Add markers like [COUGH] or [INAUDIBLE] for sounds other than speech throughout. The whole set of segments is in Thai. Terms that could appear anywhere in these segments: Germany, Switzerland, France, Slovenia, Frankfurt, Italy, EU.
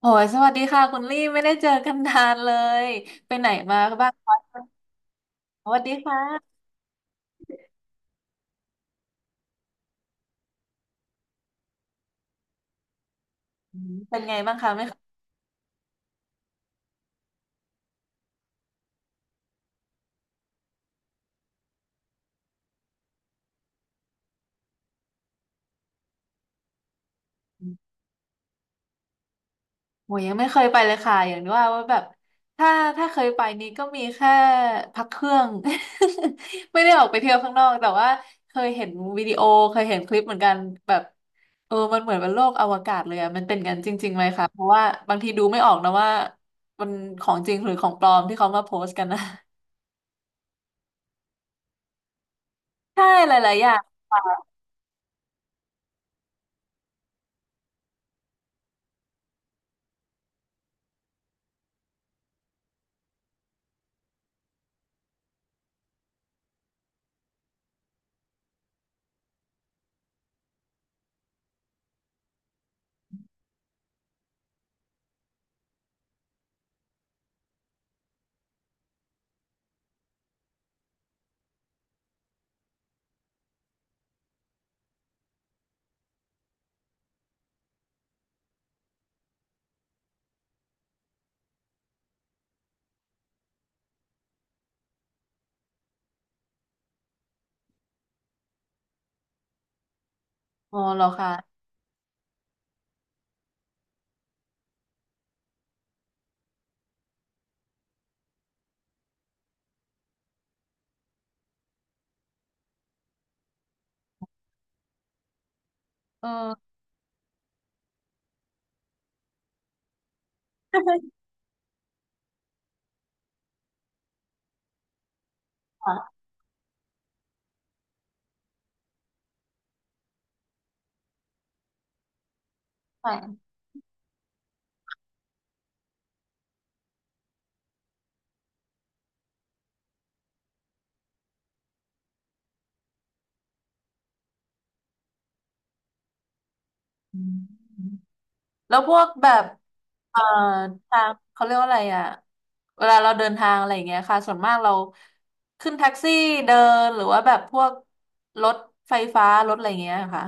โหยสวัสดีค่ะคุณลี่ไม่ได้เจอกันนานเลยไปไหนมาบ้างคะสวัสดีค่ะเป็นไงบ้างคะไม่เคยโหยยังไม่เคยไปเลยค่ะอย่างที่ว่าว่าแบบถ้าถ้าเคยไปนี้ก็มีแค่พักเครื่อง [LAUGHS] ไม่ได้ออกไปเที่ยวข้างนอกแต่ว่าเคยเห็นวิดีโอเคยเห็นคลิปเหมือนกันแบบเออมันเหมือนเป็นโลกอวกาศเลยอะมันเป็นกันจริงๆไหมคะเพราะว่าบางทีดูไม่ออกนะว่ามันของจริงหรือของปลอมที่เขามาโพสต์กันนะ [LAUGHS] ใช่หลายๆอย่างอ๋อเหรอคะเออ ค่ะค่ะอืมแล้วพวกแบบเอ่อทางเขาเรียกว่าอะไรอ่ะเวลาเราเดินทางอะไรอย่างเงี้ยค่ะส่วนมากเราขึ้นแท็กซี่เดินหรือว่าแบบพวกรถไฟฟ้ารถอะไรอย่างเงี้ยค่ะ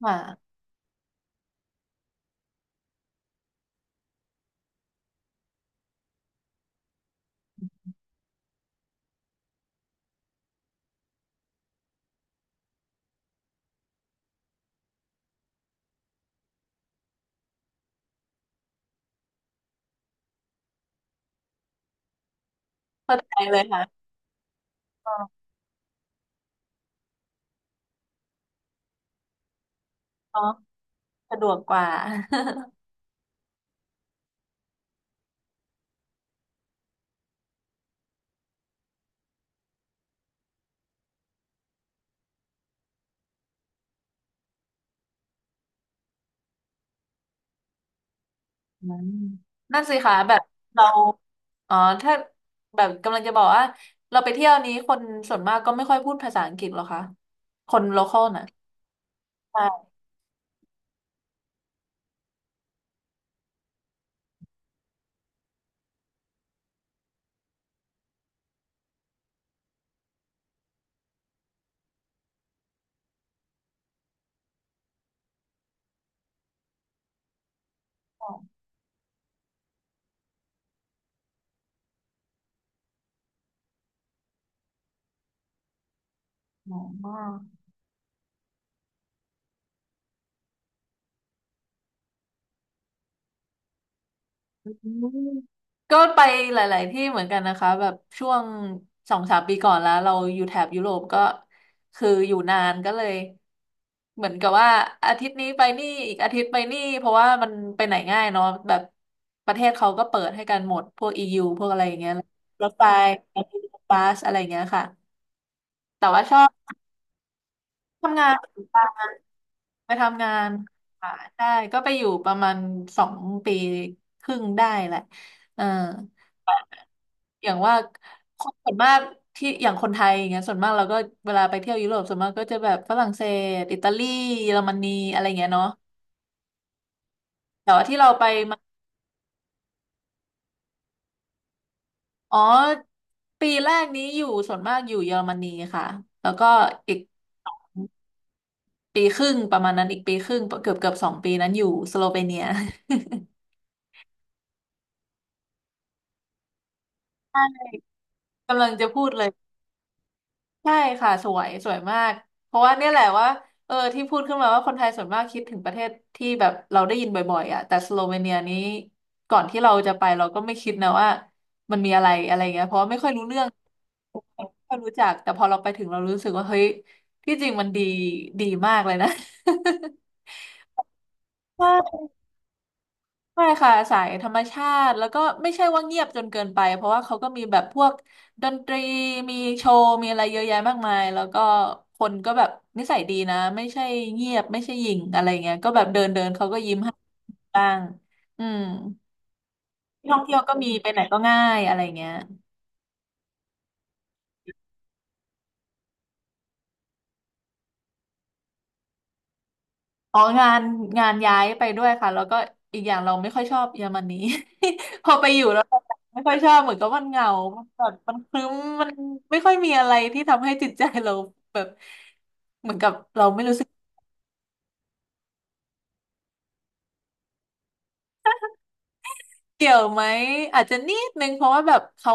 ค่ะเข้าใจเลยค่ะก็กสะดวกกว่าอืมนั่นสิคะแบบเราอ๋อถ้าแบบกำลังจะบอกว่าเราไปเที่ยวนี้คนส่วนมากก็ไม่ค่อยพูดภาษาอังกฤษหรอคะคนโลคอลน่ะใช่ อ๋อก็ไปหลายๆที่เหมือนกันนะคะแบบช่วงสองสามปีก่อนแล้วเราอยู่แถบยุโรปก็คืออยู่นานก็เลยเหมือนกับว่าอาทิตย์นี้ไปนี่อีกอาทิตย์ไปนี่เพราะว่ามันไปไหนง่ายเนาะแบบประเทศเขาก็เปิดให้กันหมดพวก EU พวกอะไรอย่างเงี้ยรถไฟรถบัสอะไรอย่างเงี้ยค่ะแต่ว่าชอบทำงาน ไปทำงานค่ะได้ก็ไปอยู่ประมาณสองปีครึ่งได้แหละเอออย่างว่าคนส่วนมากที่อย่างคนไทยอย่างเงี้ยส่วนมากเราก็เวลาไปเที่ยวยุโรปส่วนมากก็จะแบบฝรั่งเศสอิตาลีเยอรมนีอะไรเงี้ยเนาะแต่ว่าที่เราไปมาอ๋อปีแรกนี้อยู่ส่วนมากอยู่เยอรมนีค่ะแล้วก็อีกปีครึ่งประมาณนั้นอีกปีครึ่งเกือบสองปีนั้นอยู่สโลเวเนีย [LAUGHS] กำลังจะพูดเลย ใช่ค่ะสวยสวยมากเพราะว่าเนี่ยแหละว่าเออที่พูดขึ้นมาว่าคนไทยส่วนมากคิดถึงประเทศที่แบบเราได้ยินบ่อยๆอ่ะแต่สโลเวเนียนี้ก่อนที่เราจะไปเราก็ไม่คิดนะว่ามันมีอะไรอะไรเงี้ยเพราะว่าไม่ค่อยรู้เรื่องไม่ค่อยรู้จักแต่พอเราไปถึงเรารู้สึกว่าเฮ้ยที่จริงมันดีดีมากเลยนะ [LAUGHS] ใช่ค่ะสายธรรมชาติแล้วก็ไม่ใช่ว่าเงียบจนเกินไปเพราะว่าเขาก็มีแบบพวกดนตรีมีโชว์มีอะไรเยอะแยะมากมายแล้วก็คนก็แบบนิสัยดีนะไม่ใช่เงียบไม่ใช่หยิ่งอะไรเงี้ยก็แบบเดินเดินเขาก็ยิ้มให้บ้างอืมที่ท่องเที่ยวก็มีไปไหนก็ง่ายอะไรเงี้ย อ๋องานงานย้ายไปด้วยค่ะแล้วก็อีกอย่างเราไม่ค่อยชอบเยอรมนี [LAUGHS] พอไปอยู่แล้วเราไม่ค่อยชอบเหมือนกับมันเหงามันแบบมันครึ้มมันไม่ค่อยมีอะไรที่ทำให้จิตใจเราแบบเหมือนกับเราเกี่ยวไหมอาจจะนิดนึงเพราะว่าแบบเขา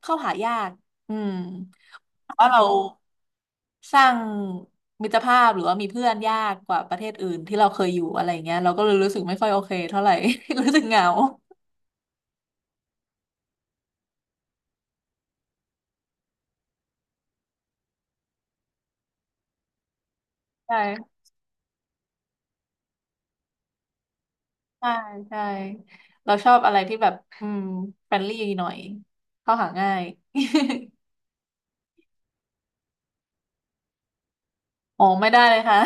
เข้าหายากอืมเพราะเราสร้างมิตรภาพหรือว่ามีเพื่อนยากกว่าประเทศอื่นที่เราเคยอยู่อะไรเงี้ยเราก็เลยรู้สึกไม่ค่อยโอเคเท่าไหร่ [LAUGHS] รู้สึกเหงาใช่ ใช่ใช่เราชอบอะไรที่แบบอืมเฟรนลี่หน่อยเข้าหาง่าย [LAUGHS] อ๋อไม่ได้เลยค่ะ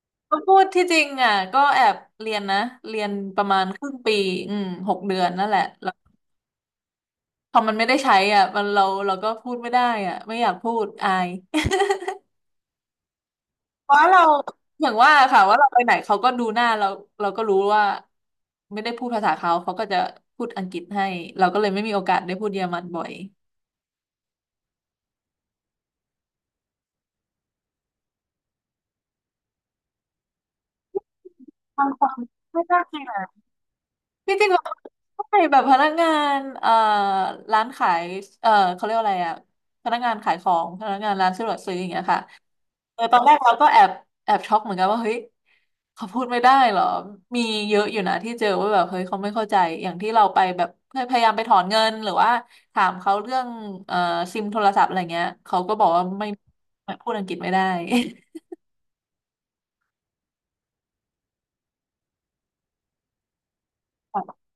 [LAUGHS] ก็พูดที่จริงอ่ะก็แอบเรียนนะเรียนประมาณครึ่งปีอืมหกเดือนนั่นแหละแล้วพอมันไม่ได้ใช้อ่ะมันเราก็พูดไม่ได้อ่ะไม่อยากพูดอาย [LAUGHS] เพราะเราอย่างว่าค่ะว่าเราไปไหนเขาก็ดูหน้าเราเราก็รู้ว่าไม่ได้พูดภาษาเขาเขาก็จะพูดอังกฤษให้เราก็เลยไม่มีโอกาสได้พูดเยอรมันบ่อยบางคนไม่ได้ ที่จริงเราใช่แบบพนักงานร้านขายเขาเรียกว่าอะไรอะพนักงานขายของพนักงานร้านสะดวกซื้ออย่างเงี้ยค่ะเออตอนแรกเราก็แอบแอบช็อกเหมือนกันว่าเฮ้ยเขาพูดไม่ได้เหรอมีเยอะอยู่นะที่เจอว่าแบบเฮ้ยเขาไม่เข้าใจอย่างที่เราไปแบบพยายามไปถอนเงินหรือว่าถามเขาเรื่องเอ่อซิมโทรศัพท์อะไรเงี้ยเขาก็บอกว่าไม่พูดอังกฤษไม่ได้ [LAUGHS]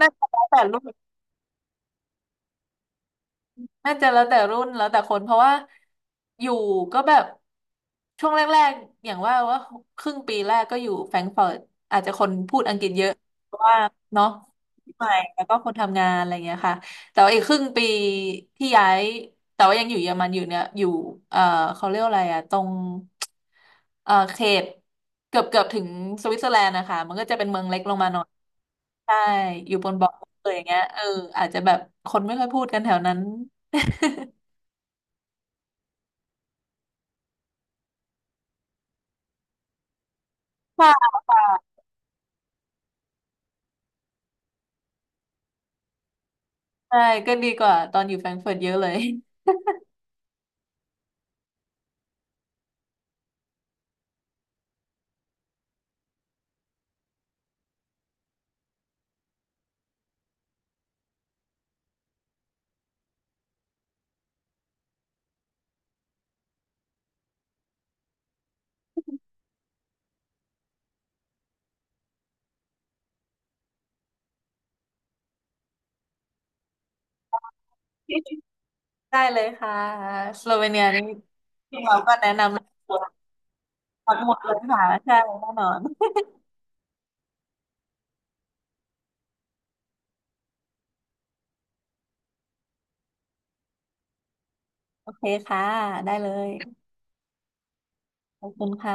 น่าจะแล้วแต่ลูก น่าจะแล้วแต่รุ่นแล้วแต่คนเพราะว่าอยู่ก็แบบช่วงแรกๆอย่างว่าว่าครึ่งปีแรกก็อยู่แฟรงก์เฟิร์ตอาจจะคนพูดอังกฤษเยอะเพราะว่าเนาะใหม่แล้วก็คนทำงานอะไรเงี้ยค่ะแต่ว่าอีกครึ่งปีที่ย้ายแต่ว่ายังอยู่เยอรมันอยู่เนี่ยอยู่เอ่อเขาเรียกอะไรอะตรงเขตเกือบถึงสวิตเซอร์แลนด์นะคะมันก็จะเป็นเมืองเล็กลงมาหน่อยใช่อยู่บนบอกเลยอย่างเงี้ยเอออาจจะแบบคนไม่ค่อยพูดกันแถวนั้นใช่ ใช่ก็ดีกว่าตอนอยู่แฟรงก์เฟิร์ตเยอะเลย [LAUGHS] ได้เลยค่ะสโลเวเนียนี่ที่เราก็แนะนำหมดหมดเลยค่ะใช่แน่นอนโอเคค่ะได้เลยขอบคุณค่ะ